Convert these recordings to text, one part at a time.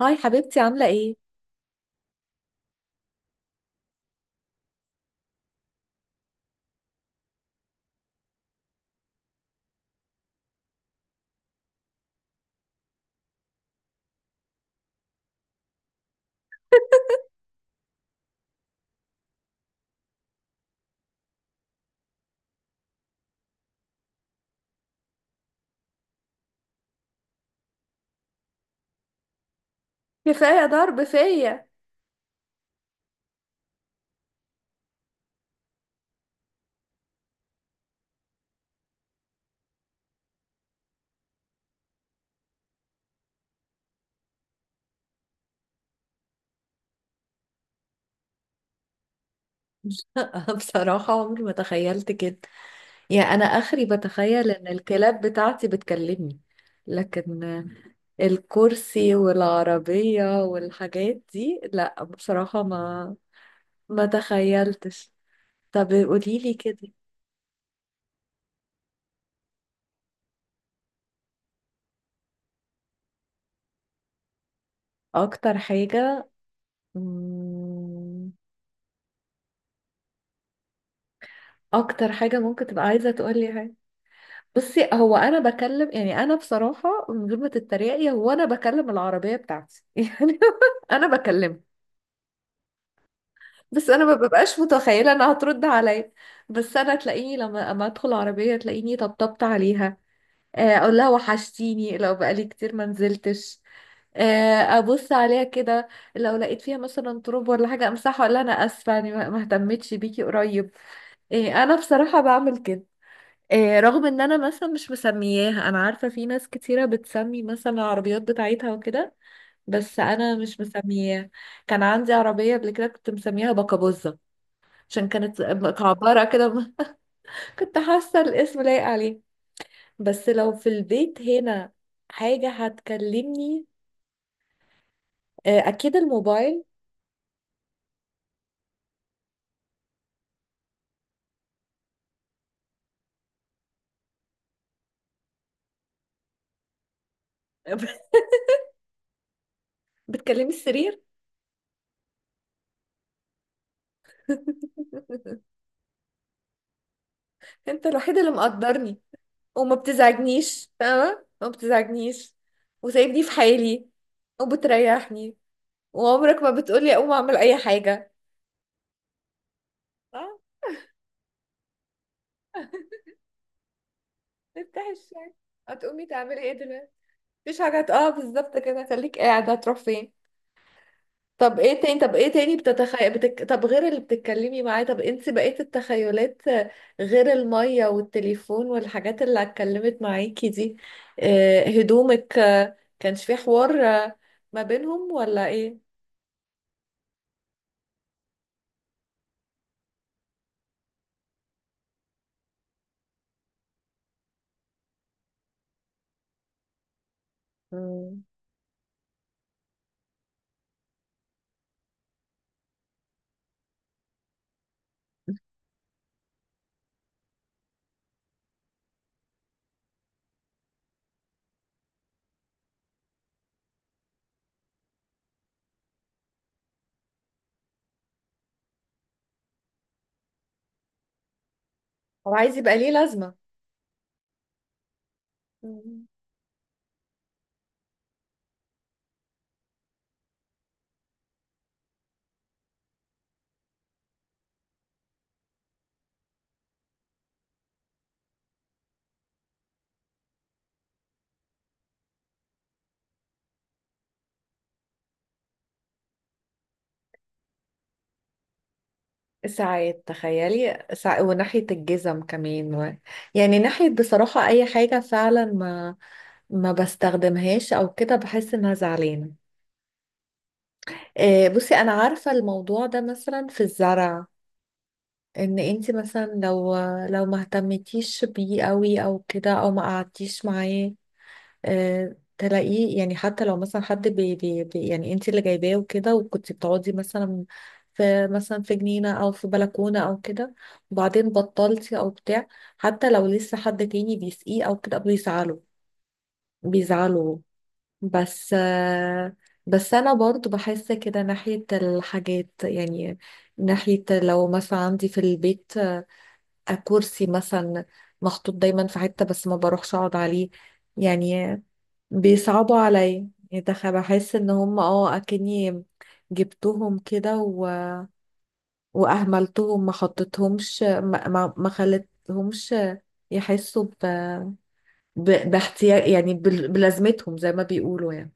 هاي حبيبتي، عاملة ايه؟ كفاية ضرب فيا. أنا بصراحة عمري ما تخيلت كده، يعني أنا آخري بتخيل إن الكلاب بتاعتي بتكلمني، لكن الكرسي والعربية والحاجات دي، لا بصراحة ما تخيلتش. طب قوليلي كده، أكتر حاجة مم، أكتر حاجة ممكن تبقى عايزة تقولي. بصي، هو انا بكلم، يعني انا بصراحه من غير ما تتريقي، هو انا بكلم العربيه بتاعتي يعني، انا بكلمها. بس انا ما ببقاش متخيله انها هترد عليا. بس انا تلاقيني لما اما ادخل العربيه تلاقيني طبطبت عليها، اقول لها وحشتيني لو بقالي كتير ما نزلتش، ابص عليها كده. لو لقيت فيها مثلا تراب ولا حاجه امسحها، اقول لها انا اسفه، يعني ما اهتمتش بيكي قريب. إيه، انا بصراحه بعمل كده، رغم ان انا مثلا مش مسمياها. انا عارفة في ناس كتيرة بتسمي مثلا العربيات بتاعتها وكده، بس انا مش مسمياها. كان عندي عربية قبل كده كنت مسميها بكابوزة، عشان كانت مكعبرة كده. كنت حاسة الاسم لايق عليه. بس لو في البيت هنا حاجة هتكلمني، اكيد الموبايل. بتكلمي السرير؟ انت الوحيد اللي مقدرني، وما بتزعجنيش، فاهمة ما بتزعجنيش، وسايبني في حالي، وبتريحني، وعمرك ما بتقولي اقوم اعمل اي حاجة. اه. افتحي الشاي، هتقومي تعملي ايه دلوقتي؟ مفيش حاجة بالظبط كده، خليك قاعدة، هتروح فين؟ طب ايه تاني، طب ايه تاني بتتخيل طب غير اللي بتتكلمي معاه، طب انت بقيت التخيلات، غير المية والتليفون والحاجات اللي اتكلمت معاكي دي، هدومك، كانش في حوار ما بينهم ولا ايه؟ مم. هو عايز يبقى ليه لازمة. مم. ساعات، تخيلي، ساعات وناحية الجزم كمان، و... يعني ناحية بصراحة أي حاجة فعلا ما بستخدمهاش أو كده، بحس إنها زعلانة. بصي أنا عارفة الموضوع ده مثلا في الزرع، إن أنت مثلا لو ما اهتمتيش بيه قوي أو كده، أو ما قعدتيش معاه، تلاقيه، يعني حتى لو مثلا حد بي يعني انت اللي جايباه وكده، وكنت بتقعدي مثلا في مثلا في جنينة او في بلكونة او كده، وبعدين بطلتي او بتاع، حتى لو لسه حد تاني بيسقيه او كده، بيزعله بيزعله. بس آه، بس انا برضو بحس كده ناحية الحاجات يعني، ناحية لو مثلا عندي في البيت كرسي مثلا محطوط دايما في حتة، بس ما بروحش اقعد عليه يعني، بيصعبوا عليا، يعني بحس ان هم اكني جبتهم كده و... واهملتهم، ما حطيتهمش، ما خلتهمش يحسوا ب... باحتياج، يعني بلازمتهم، زي ما بيقولوا يعني.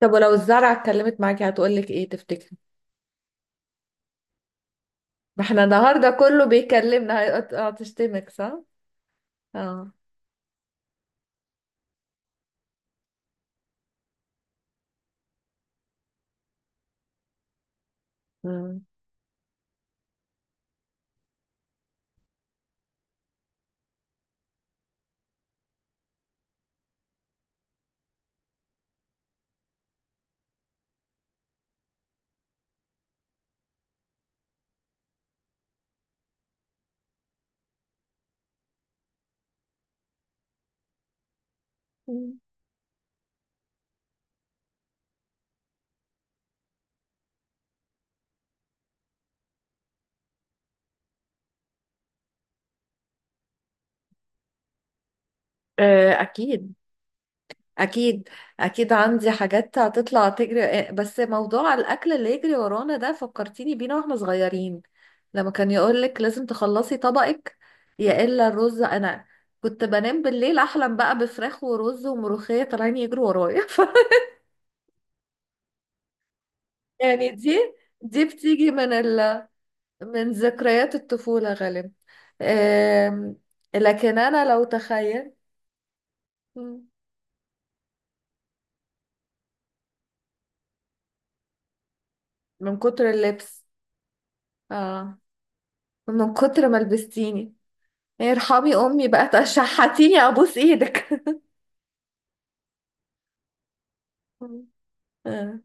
طب ولو الزرعة اتكلمت معاكي هتقولك ايه تفتكري؟ ما احنا النهارده كله بيكلمنا، هتشتمك صح؟ اه. مم. مم. اكيد، اكيد، اكيد عندي حاجات هتطلع تجري، بس موضوع الاكل اللي يجري ورانا ده فكرتيني بينا واحنا صغيرين، لما كان يقولك لازم تخلصي طبقك، يا الا الرز. انا كنت بنام بالليل احلم بقى بفراخ ورز وملوخيه طالعين يجروا ورايا. يعني دي بتيجي من ذكريات الطفوله غالبا. آم، لكن انا لو تخيل. مم، من كتر اللبس. اه من كتر ما لبستيني، ارحمي امي بقى، تشحتيني، ابوس ايدك. آه،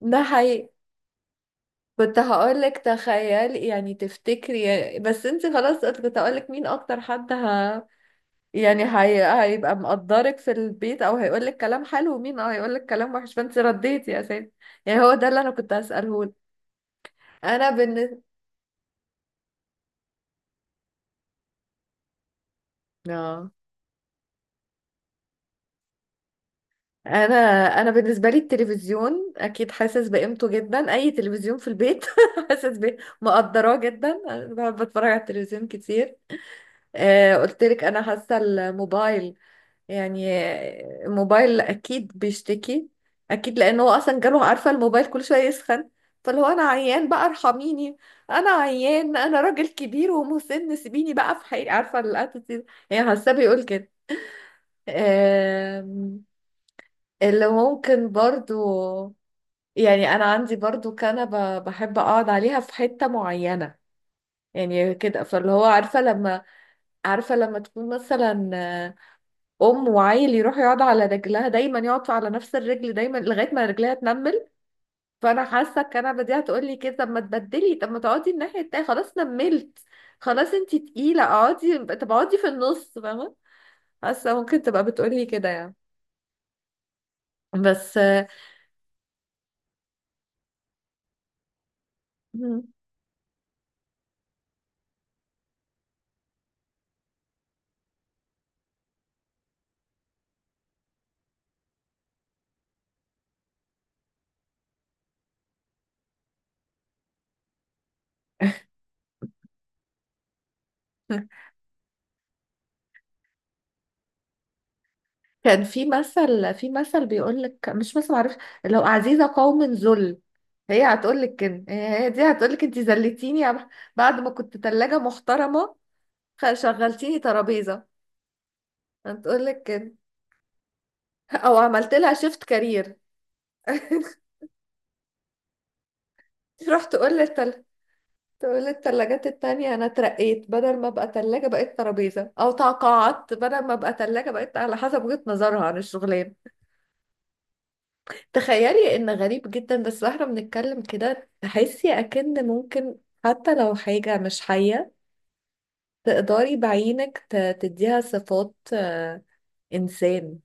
ده حقيقي. كنت هقولك تخيلي، يعني تفتكري يعني، بس انت خلاص، كنت هقولك مين اكتر حد يعني هيبقى مقدرك في البيت، او هيقولك كلام حلو، ومين هيقولك كلام وحش، فانت رديتي يا سيدي، يعني هو ده اللي انا كنت هسألهولك. انا بالنسبة انا انا بالنسبه لي التلفزيون اكيد حاسس بقيمته جدا، اي تلفزيون في البيت حاسس ب مقدراه جدا. أنا بحب اتفرج على التلفزيون كتير. آه، قلت لك انا حاسه الموبايل، يعني الموبايل اكيد بيشتكي، اكيد، لان هو اصلا جاله، عارفه الموبايل كل شويه يسخن، فاللي هو انا عيان بقى، ارحميني، انا عيان، انا راجل كبير ومسن، سيبيني بقى في حقي، عارفه الاتيتيود، يعني حاسه بيقول كده. آم، اللي ممكن برضو، يعني انا عندي برضو كنبة بحب اقعد عليها في حتة معينة يعني كده، فاللي هو عارفة لما تكون مثلا ام وعيل يروح يقعد على رجلها، دايما يقعد على نفس الرجل، دايما لغاية ما رجلها تنمل، فانا حاسة الكنبة دي هتقولي كده، طب ما تبدلي، طب ما تقعدي الناحية التانية، خلاص نملت، خلاص انتي تقيلة، اقعدي، طب اقعدي في النص، فاهمة، حاسة ممكن تبقى بتقولي كده يعني. بس آه، كان في مثل، في مثل بيقول لك، مش مثل معرفش، لو عزيزة قوم ذل، هي هتقول لك كده، هي دي هتقول لك انت ذلتيني يا بعد ما كنت ثلاجة محترمة، شغلتيني ترابيزة، هتقول لك كده، او عملت لها شيفت كارير. تروح تقول تقول للتلاجات التانية انا اترقيت، بدل ما ابقى ثلاجة بقيت ترابيزة، او تقاعدت، بدل ما ابقى ثلاجة بقيت، على حسب وجهة نظرها عن الشغلانة. تخيلي ان غريب جدا بس واحنا بنتكلم كده تحسي اكن ممكن، حتى لو حاجة مش حية، تقدري بعينك تديها صفات انسان،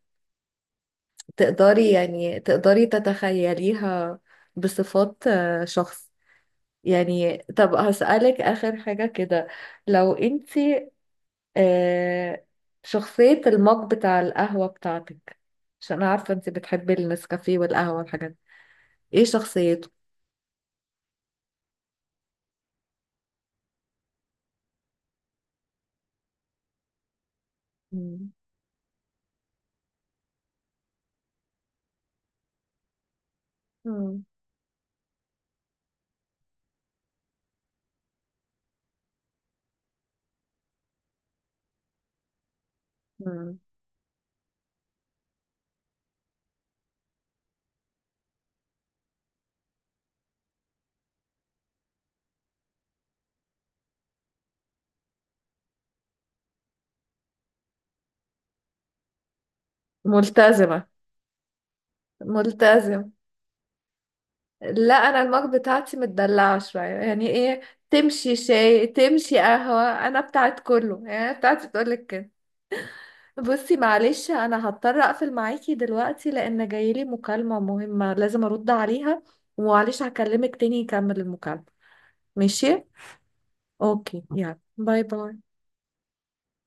تقدري يعني تقدري تتخيليها بصفات شخص. يعني طب هسألك اخر حاجة كده، لو انتي آه، شخصية المج بتاع القهوة بتاعتك، عشان أنا عارفة انتي بتحبي النسكافيه والقهوة والحاجات دي. ايه شخصيته؟ مم. مم. مم. ملتزمة ملتزم. لا، انا المج بتاعتي متدلعة شوية، يعني ايه، تمشي شاي تمشي قهوة، انا بتاعت كله، يعني أنا بتاعتي بتقولك كده. بصي، معلش انا هضطر اقفل معاكي دلوقتي لان جايلي مكالمة مهمة لازم ارد عليها، ومعلش هكلمك تاني يكمل المكالمة. ماشي. اوكي يلا باي باي.